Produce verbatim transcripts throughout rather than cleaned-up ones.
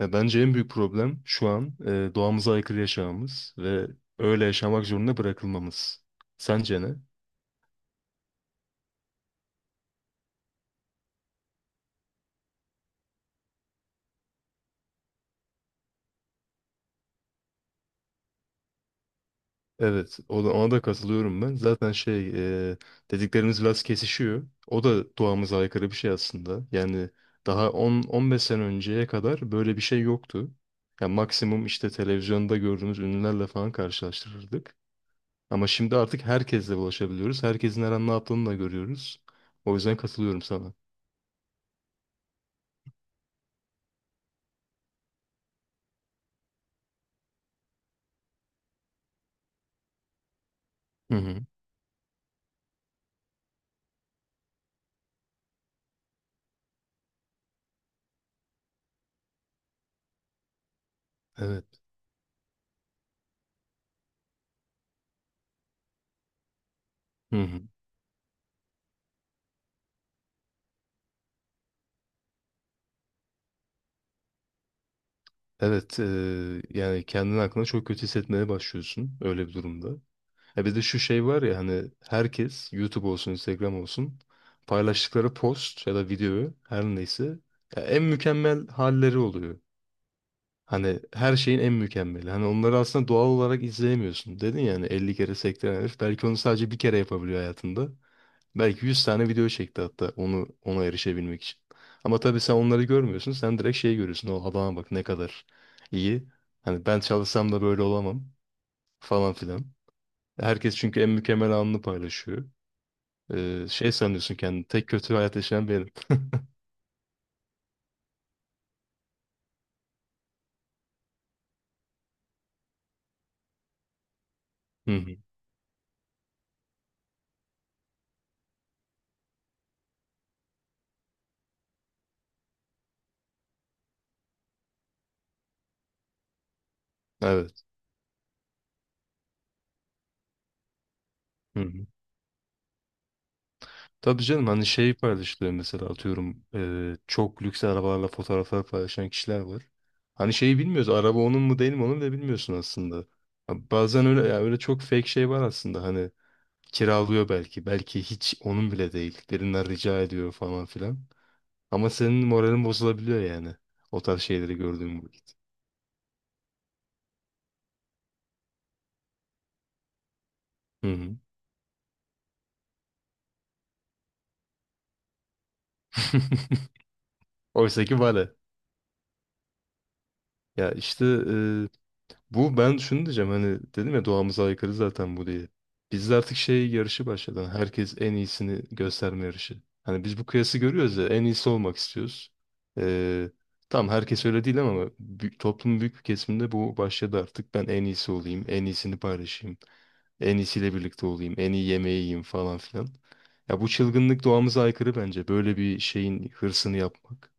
Ya bence en büyük problem şu an e, doğamıza aykırı yaşamamız ve öyle yaşamak zorunda bırakılmamız. Sence ne? Evet, o da, ona da katılıyorum ben. Zaten şey, e, dediklerimiz biraz kesişiyor. O da doğamıza aykırı bir şey aslında. Yani daha on on beş sene önceye kadar böyle bir şey yoktu. Yani maksimum işte televizyonda gördüğümüz ünlülerle falan karşılaştırırdık. Ama şimdi artık herkesle ulaşabiliyoruz. Herkesin her an ne yaptığını da görüyoruz. O yüzden katılıyorum sana. Hı hı. Evet. Hı hı. Evet. Eee, yani kendini hakkında çok kötü hissetmeye başlıyorsun öyle bir durumda. E bir de şu şey var ya, hani herkes YouTube olsun, Instagram olsun, paylaştıkları post ya da videoyu her neyse ya en mükemmel halleri oluyor. Hani her şeyin en mükemmeli. Hani onları aslında doğal olarak izleyemiyorsun. Dedin yani elli kere sektiren herif belki onu sadece bir kere yapabiliyor hayatında. Belki yüz tane video çekti hatta onu ona erişebilmek için. Ama tabii sen onları görmüyorsun. Sen direkt şey görüyorsun. O adama bak, ne kadar iyi. Hani ben çalışsam da böyle olamam falan filan. Herkes çünkü en mükemmel anını paylaşıyor. Ee, şey sanıyorsun kendini. Tek kötü hayat yaşayan benim. Hı hı. Evet. Hı hı. Tabii canım, hani şey paylaşılıyor mesela, atıyorum eee, çok lüks arabalarla fotoğraflar paylaşan kişiler var. Hani şeyi bilmiyoruz, araba onun mu değil mi onu bile bilmiyorsun aslında. Ha, bazen öyle, ya öyle çok fake şey var aslında, hani kiralıyor, belki belki hiç onun bile değil, birinden rica ediyor falan filan. Ama senin moralin bozulabiliyor yani o tarz şeyleri gördüğün vakit. Hı hı. Oysa ki vale. Ya işte bu, ben şunu diyeceğim, hani dedim ya doğamıza aykırı zaten bu diye. Bizde artık şey yarışı başladı, hani herkes en iyisini gösterme yarışı. Hani biz bu kıyası görüyoruz ya, en iyisi olmak istiyoruz. Ee, tamam, herkes öyle değil ama bü- toplumun büyük bir kesiminde bu başladı artık. Ben en iyisi olayım, en iyisini paylaşayım, en iyisiyle birlikte olayım, en iyi yemeği yiyeyim falan filan. Ya bu çılgınlık doğamıza aykırı bence. Böyle bir şeyin hırsını yapmak.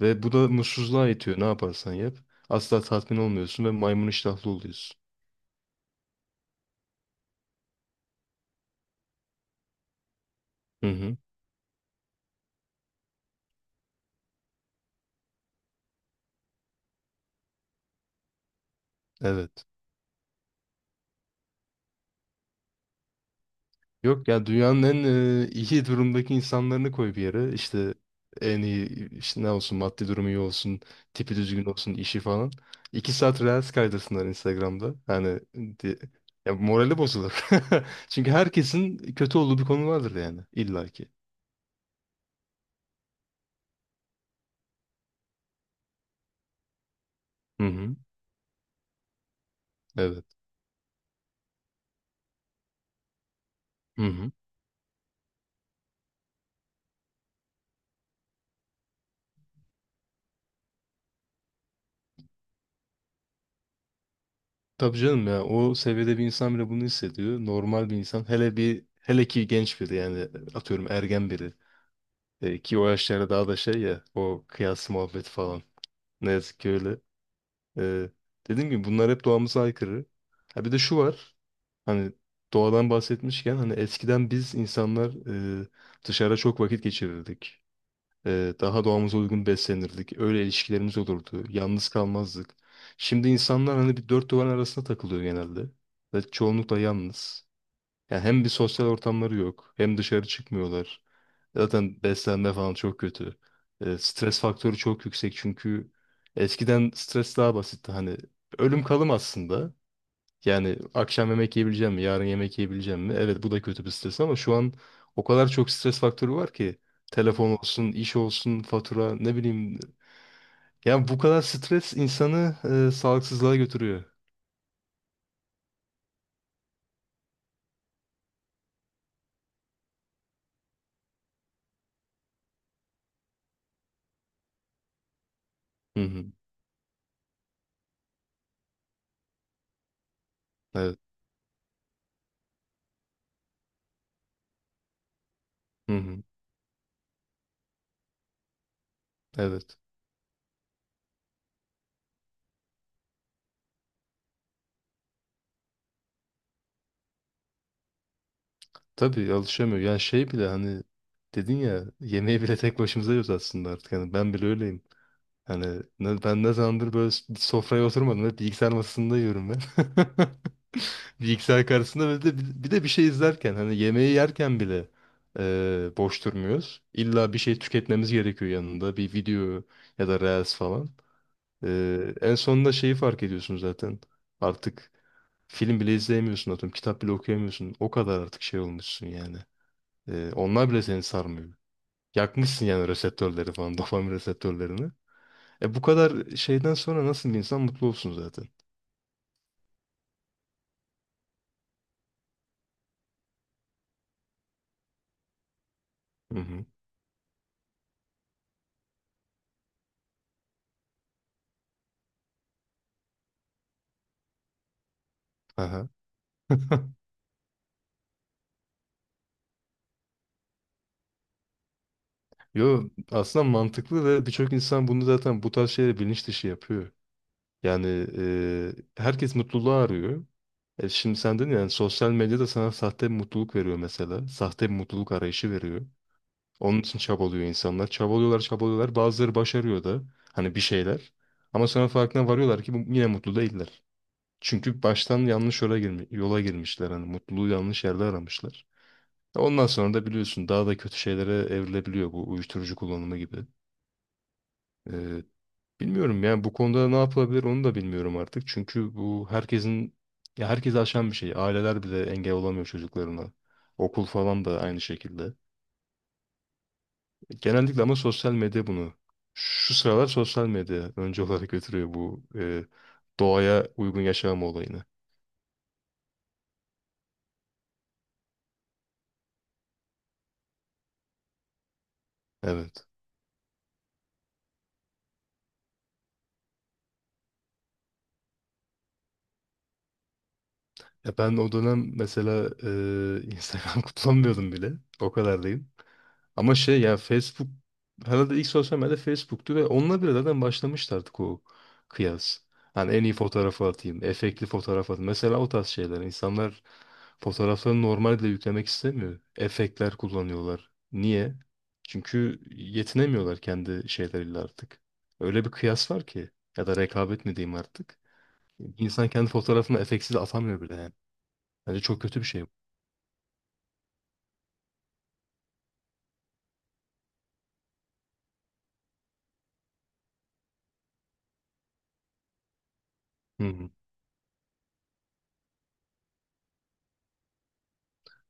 Ve bu da mutsuzluğa itiyor, ne yaparsan yap. Asla tatmin olmuyorsun ve maymun iştahlı oluyorsun. Hı hı. Evet. Yok ya, dünyanın en e, iyi durumdaki insanlarını koy bir yere. İşte en iyi, işte ne olsun, maddi durumu iyi olsun, tipi düzgün olsun, işi falan. İki saat reels kaydırsınlar Instagram'da. Hani di- ya morali bozulur. Çünkü herkesin kötü olduğu bir konu vardır yani illaki. Hı hı. Evet. Hı hı. Tabii canım, ya o seviyede bir insan bile bunu hissediyor. Normal bir insan, hele bir hele ki genç biri, yani atıyorum ergen biri. E, ki o yaşlarda daha da şey ya, o kıyas muhabbeti falan, ne yazık ki öyle. E, Dediğim gibi bunlar hep doğamıza aykırı. Ha bir de şu var, hani doğadan bahsetmişken, hani eskiden biz insanlar e, dışarıda çok vakit geçirirdik. Ee, daha doğamıza uygun beslenirdik. Öyle ilişkilerimiz olurdu. Yalnız kalmazdık. Şimdi insanlar hani bir dört duvarın arasında takılıyor genelde. Ve çoğunlukla yalnız. Yani hem bir sosyal ortamları yok, hem dışarı çıkmıyorlar. Zaten beslenme falan çok kötü. Ee, stres faktörü çok yüksek, çünkü eskiden stres daha basitti. Hani ölüm kalım aslında. Yani akşam yemek yiyebileceğim mi? Yarın yemek yiyebileceğim mi? Evet, bu da kötü bir stres ama şu an o kadar çok stres faktörü var ki. Telefon olsun, iş olsun, fatura, ne bileyim. Yani bu kadar stres insanı e, sağlıksızlığa götürüyor. Hı hı. Evet. Hı hı. Evet. Tabii alışamıyor. Yani şey bile, hani dedin ya, yemeği bile tek başımıza yiyoruz aslında artık. Yani ben bile öyleyim. Hani ne- ben ne zamandır böyle s- sofraya oturmadım. Hep bilgisayar masasında yiyorum ben. Bilgisayar karşısında, ve de bir de bir şey izlerken, hani yemeği yerken bile e, boş durmuyoruz. İlla bir şey tüketmemiz gerekiyor yanında. Bir video ya da reels falan. E, en sonunda şeyi fark ediyorsun zaten. Artık film bile izleyemiyorsun, atıyorum. Kitap bile okuyamıyorsun. O kadar artık şey olmuşsun yani. E, onlar bile seni sarmıyor. Yakmışsın yani reseptörleri falan. Dopamin reseptörlerini. E bu kadar şeyden sonra nasıl bir insan mutlu olsun zaten. Hı hı. Aha. Yo, aslında mantıklı ve birçok insan bunu zaten, bu tarz şeyleri bilinç dışı yapıyor. Yani e, herkes mutluluğu arıyor. E şimdi sen dedin, yani sosyal medyada sana sahte bir mutluluk veriyor mesela. Sahte bir mutluluk arayışı veriyor. Onun için çabalıyor insanlar. Çabalıyorlar, çabalıyorlar. Bazıları başarıyor da hani bir şeyler. Ama sonra farkına varıyorlar ki bu, yine mutlu değiller. Çünkü baştan yanlış yola, girmi- yola girmişler. Hani mutluluğu yanlış yerde aramışlar. Ondan sonra da biliyorsun daha da kötü şeylere evrilebiliyor bu, uyuşturucu kullanımı gibi. Ee, Bilmiyorum yani bu konuda ne yapılabilir, onu da bilmiyorum artık. Çünkü bu herkesin, ya herkesi aşan bir şey. Aileler bile engel olamıyor çocuklarına. Okul falan da aynı şekilde. Genellikle ama sosyal medya bunu. Şu sıralar sosyal medya önce olarak götürüyor bu e, doğaya uygun yaşam olayını. Evet. Ya ben o dönem mesela e, Instagram kullanmıyordum bile. O kadar değil. Ama şey ya, Facebook herhalde ilk sosyal medya Facebook'tu ve onunla bile zaten başlamıştı artık o kıyas. Hani en iyi fotoğrafı atayım, efektli fotoğraf atayım. Mesela o tarz şeyler. İnsanlar fotoğraflarını normalde yüklemek istemiyor. Efektler kullanıyorlar. Niye? Çünkü yetinemiyorlar kendi şeyleriyle artık. Öyle bir kıyas var ki. Ya da rekabet mi diyeyim artık. İnsan kendi fotoğrafını efektsiz atamıyor bile yani. Bence çok kötü bir şey bu. Hı hı.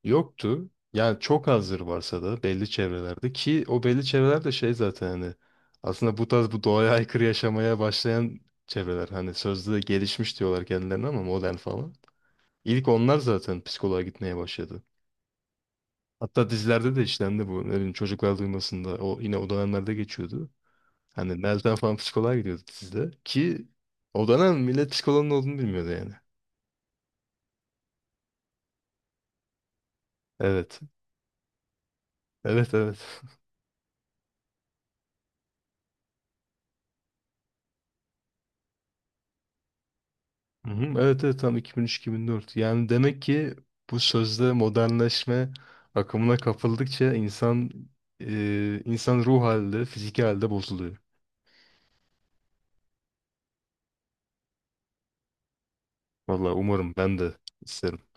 Yoktu. Yani çok azdır, varsa da belli çevrelerde, ki o belli çevreler de şey zaten, hani aslında bu tarz, bu doğaya aykırı yaşamaya başlayan çevreler, hani sözde gelişmiş diyorlar kendilerine, ama modern falan. İlk onlar zaten psikoloğa gitmeye başladı. Hatta dizilerde de işlendi bu. Ne bileyim, çocuklar duymasında, o yine o dönemlerde geçiyordu. Hani Meltem falan psikoloğa gidiyordu dizide, ki o dönem millet psikoloğun ne olduğunu bilmiyordu yani. Evet. Evet, evet. Hı hı, evet, evet, tam iki bin üç-iki bin dört. Yani demek ki bu sözde modernleşme akımına kapıldıkça insan e, insan ruh halde, fiziki halde bozuluyor. Vallahi umarım, ben de isterim.